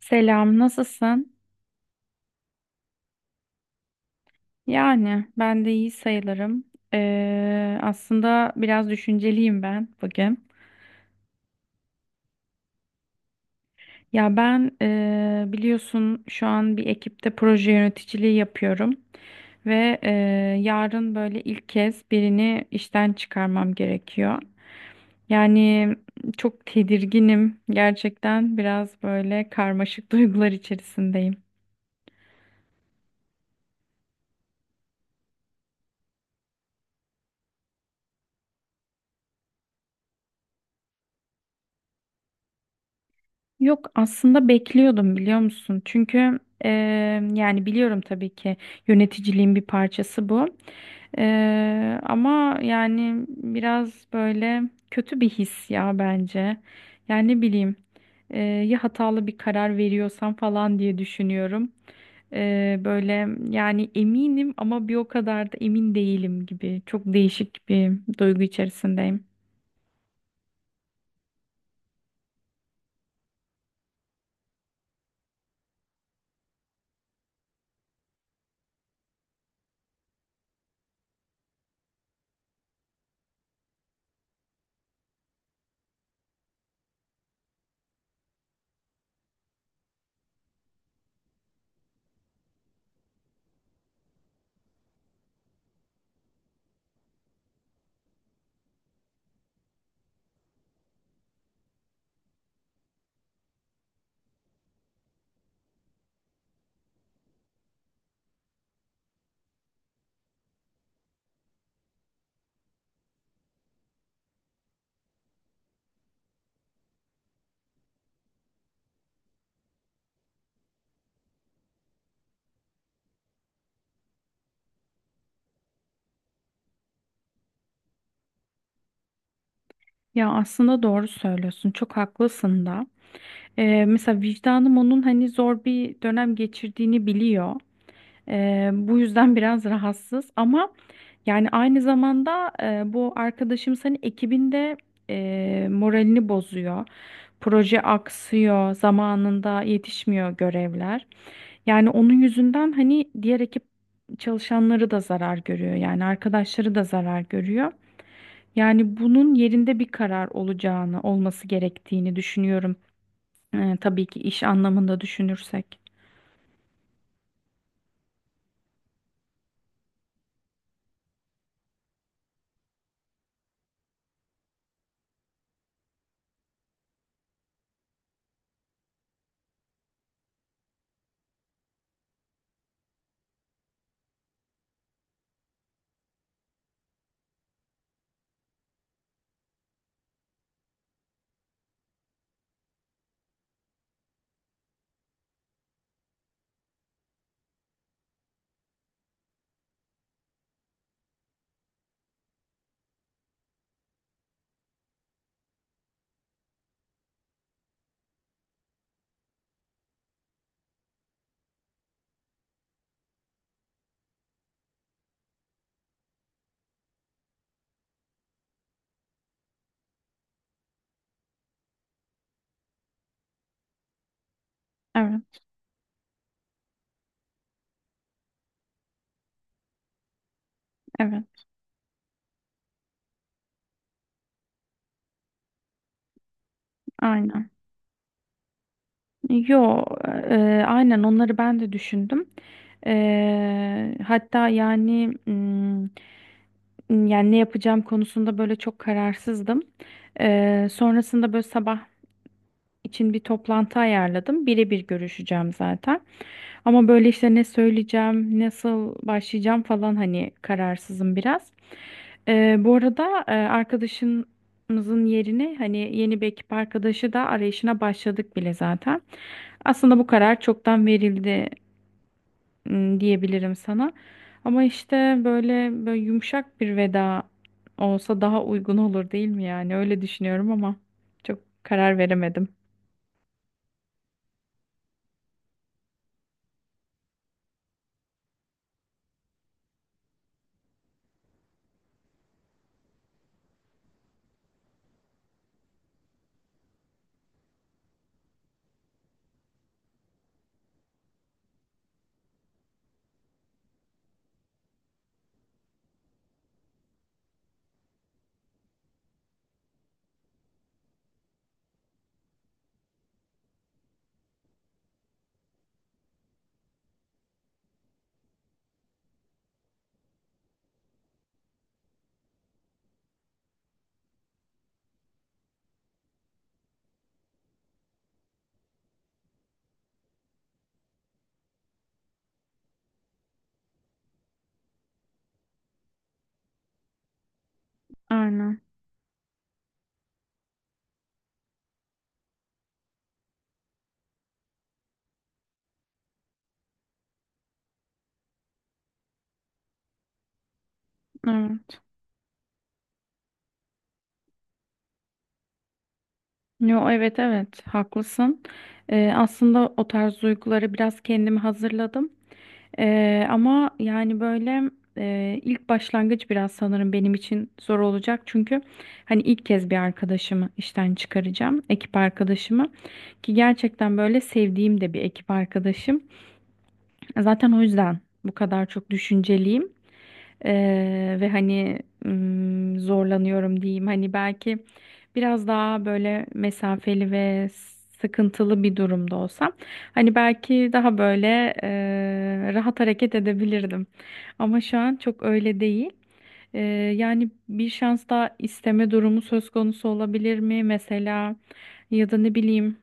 Selam, nasılsın? Yani ben de iyi sayılırım. Aslında biraz düşünceliyim ben bugün. Ya ben biliyorsun şu an bir ekipte proje yöneticiliği yapıyorum ve yarın böyle ilk kez birini işten çıkarmam gerekiyor. Yani çok tedirginim gerçekten biraz böyle karmaşık duygular içerisindeyim. Yok aslında bekliyordum biliyor musun? Çünkü e, yani biliyorum tabii ki yöneticiliğin bir parçası bu. Ama yani biraz böyle kötü bir his ya bence. Yani ne bileyim ya hatalı bir karar veriyorsam falan diye düşünüyorum. Böyle yani eminim ama bir o kadar da emin değilim gibi çok değişik bir duygu içerisindeyim. Ya aslında doğru söylüyorsun çok haklısın da. Mesela vicdanım onun hani zor bir dönem geçirdiğini biliyor. Bu yüzden biraz rahatsız ama yani aynı zamanda bu arkadaşım senin ekibinde moralini bozuyor. Proje aksıyor, zamanında yetişmiyor görevler. Yani onun yüzünden hani diğer ekip çalışanları da zarar görüyor. Yani arkadaşları da zarar görüyor. Yani bunun yerinde bir karar olacağını, olması gerektiğini düşünüyorum. Tabii ki iş anlamında düşünürsek. Evet, evet, aynen. Yo, aynen onları ben de düşündüm. Hatta yani yani ne yapacağım konusunda böyle çok kararsızdım. Sonrasında böyle sabah için bir toplantı ayarladım. Birebir görüşeceğim zaten. Ama böyle işte ne söyleyeceğim, nasıl başlayacağım falan hani kararsızım biraz. Bu arada arkadaşımızın yerine hani yeni bir ekip arkadaşı da arayışına başladık bile zaten. Aslında bu karar çoktan verildi diyebilirim sana. Ama işte böyle yumuşak bir veda olsa daha uygun olur değil mi yani? Öyle düşünüyorum ama çok karar veremedim. Aynen. Evet. Yo, evet evet haklısın. Aslında o tarz duyguları biraz kendimi hazırladım. Ama yani böyle ilk başlangıç biraz sanırım benim için zor olacak. Çünkü hani ilk kez bir arkadaşımı işten çıkaracağım. Ekip arkadaşımı ki gerçekten böyle sevdiğim de bir ekip arkadaşım. Zaten o yüzden bu kadar çok düşünceliyim. Ve hani zorlanıyorum diyeyim. Hani belki biraz daha böyle mesafeli ve sıkıntılı bir durumda olsam hani belki daha böyle rahat hareket edebilirdim. Ama şu an çok öyle değil. Eee, Yani bir şans daha isteme durumu söz konusu olabilir mi mesela ya da ne bileyim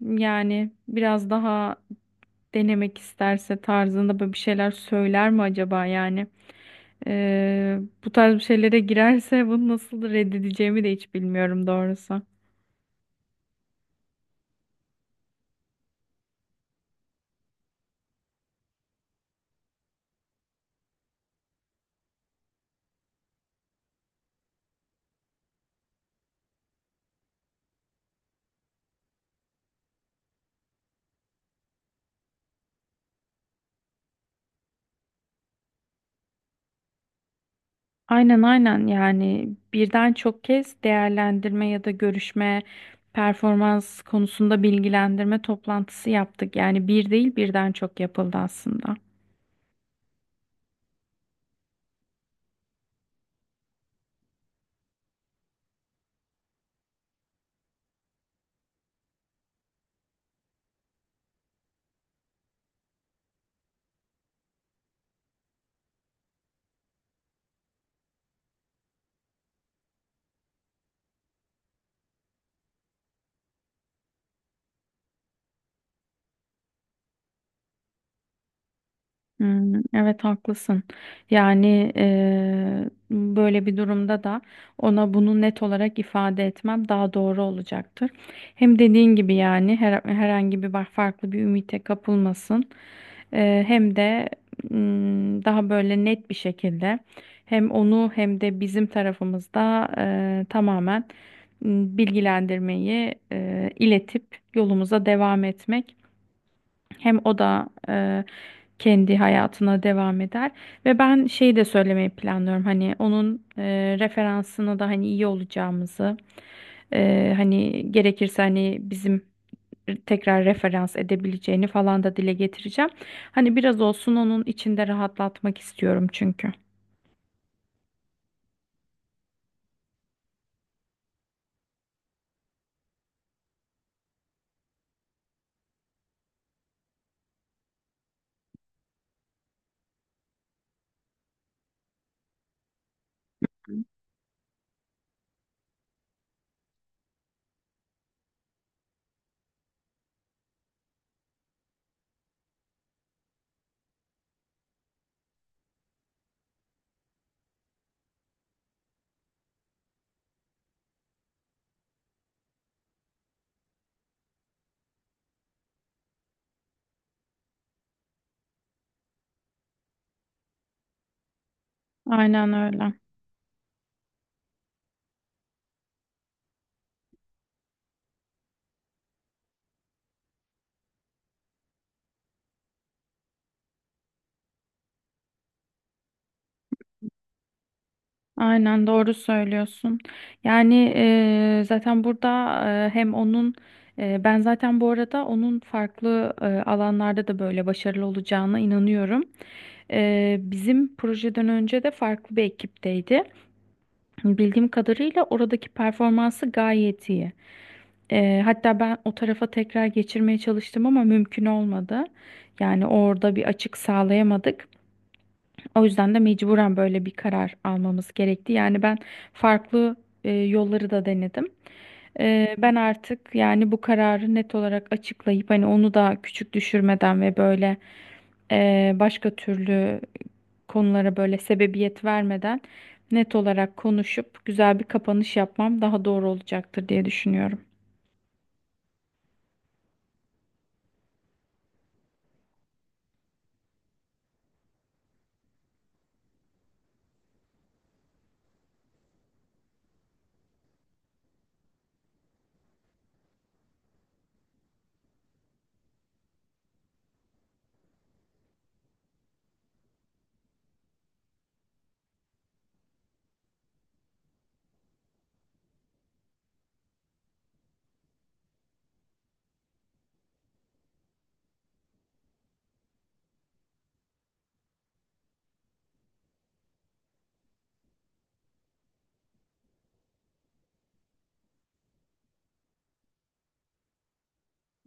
yani biraz daha denemek isterse tarzında böyle bir şeyler söyler mi acaba yani? Ee, Bu tarz bir şeylere girerse bunu nasıl reddedeceğimi de hiç bilmiyorum doğrusu. Aynen aynen yani birden çok kez değerlendirme ya da görüşme performans konusunda bilgilendirme toplantısı yaptık. Yani bir değil birden çok yapıldı aslında. Hmm, evet haklısın. Yani böyle bir durumda da ona bunu net olarak ifade etmem daha doğru olacaktır. Hem dediğin gibi yani herhangi bir bak farklı bir ümite kapılmasın. Hem de daha böyle net bir şekilde hem onu hem de bizim tarafımızda tamamen bilgilendirmeyi iletip yolumuza devam etmek. Hem o da kendi hayatına devam eder ve ben şeyi de söylemeyi planlıyorum hani onun referansını da hani iyi olacağımızı hani gerekirse hani bizim tekrar referans edebileceğini falan da dile getireceğim. Hani biraz olsun onun içinde rahatlatmak istiyorum çünkü. Aynen öyle. Aynen doğru söylüyorsun. Yani zaten burada hem onun ben zaten bu arada onun farklı alanlarda da böyle başarılı olacağına inanıyorum. Bizim projeden önce de farklı bir ekipteydi. Bildiğim kadarıyla oradaki performansı gayet iyi. Hatta ben o tarafa tekrar geçirmeye çalıştım ama mümkün olmadı. Yani orada bir açık sağlayamadık. O yüzden de mecburen böyle bir karar almamız gerekti. Yani ben farklı yolları da denedim. Ben artık yani bu kararı net olarak açıklayıp hani onu da küçük düşürmeden ve böyle başka türlü konulara böyle sebebiyet vermeden net olarak konuşup güzel bir kapanış yapmam daha doğru olacaktır diye düşünüyorum.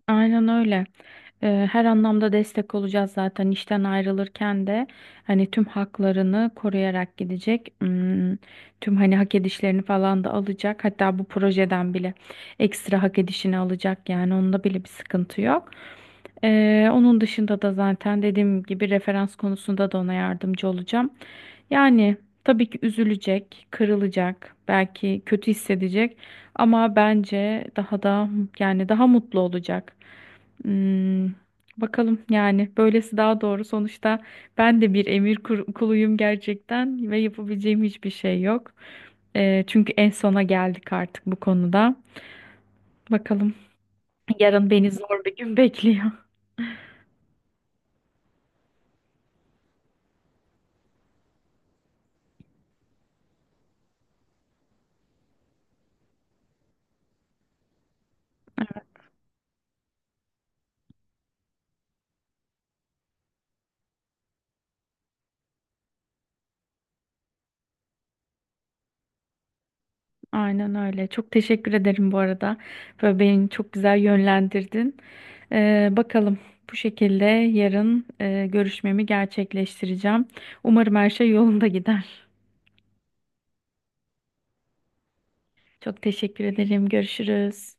Aynen öyle. Her anlamda destek olacağız zaten işten ayrılırken de hani tüm haklarını koruyarak gidecek. Hmm, tüm hani hak edişlerini falan da alacak. Hatta bu projeden bile ekstra hak edişini alacak yani onda bile bir sıkıntı yok. Onun dışında da zaten dediğim gibi referans konusunda da ona yardımcı olacağım. Yani tabii ki üzülecek, kırılacak, belki kötü hissedecek ama bence daha da yani daha mutlu olacak. Hmm, bakalım yani böylesi daha doğru. Sonuçta ben de bir emir kuluyum gerçekten ve yapabileceğim hiçbir şey yok. Çünkü en sona geldik artık bu konuda. Bakalım yarın beni zor bir gün bekliyor. Aynen öyle. Çok teşekkür ederim bu arada. Böyle beni çok güzel yönlendirdin. Bakalım bu şekilde yarın görüşmemi gerçekleştireceğim. Umarım her şey yolunda gider. Çok teşekkür ederim. Görüşürüz.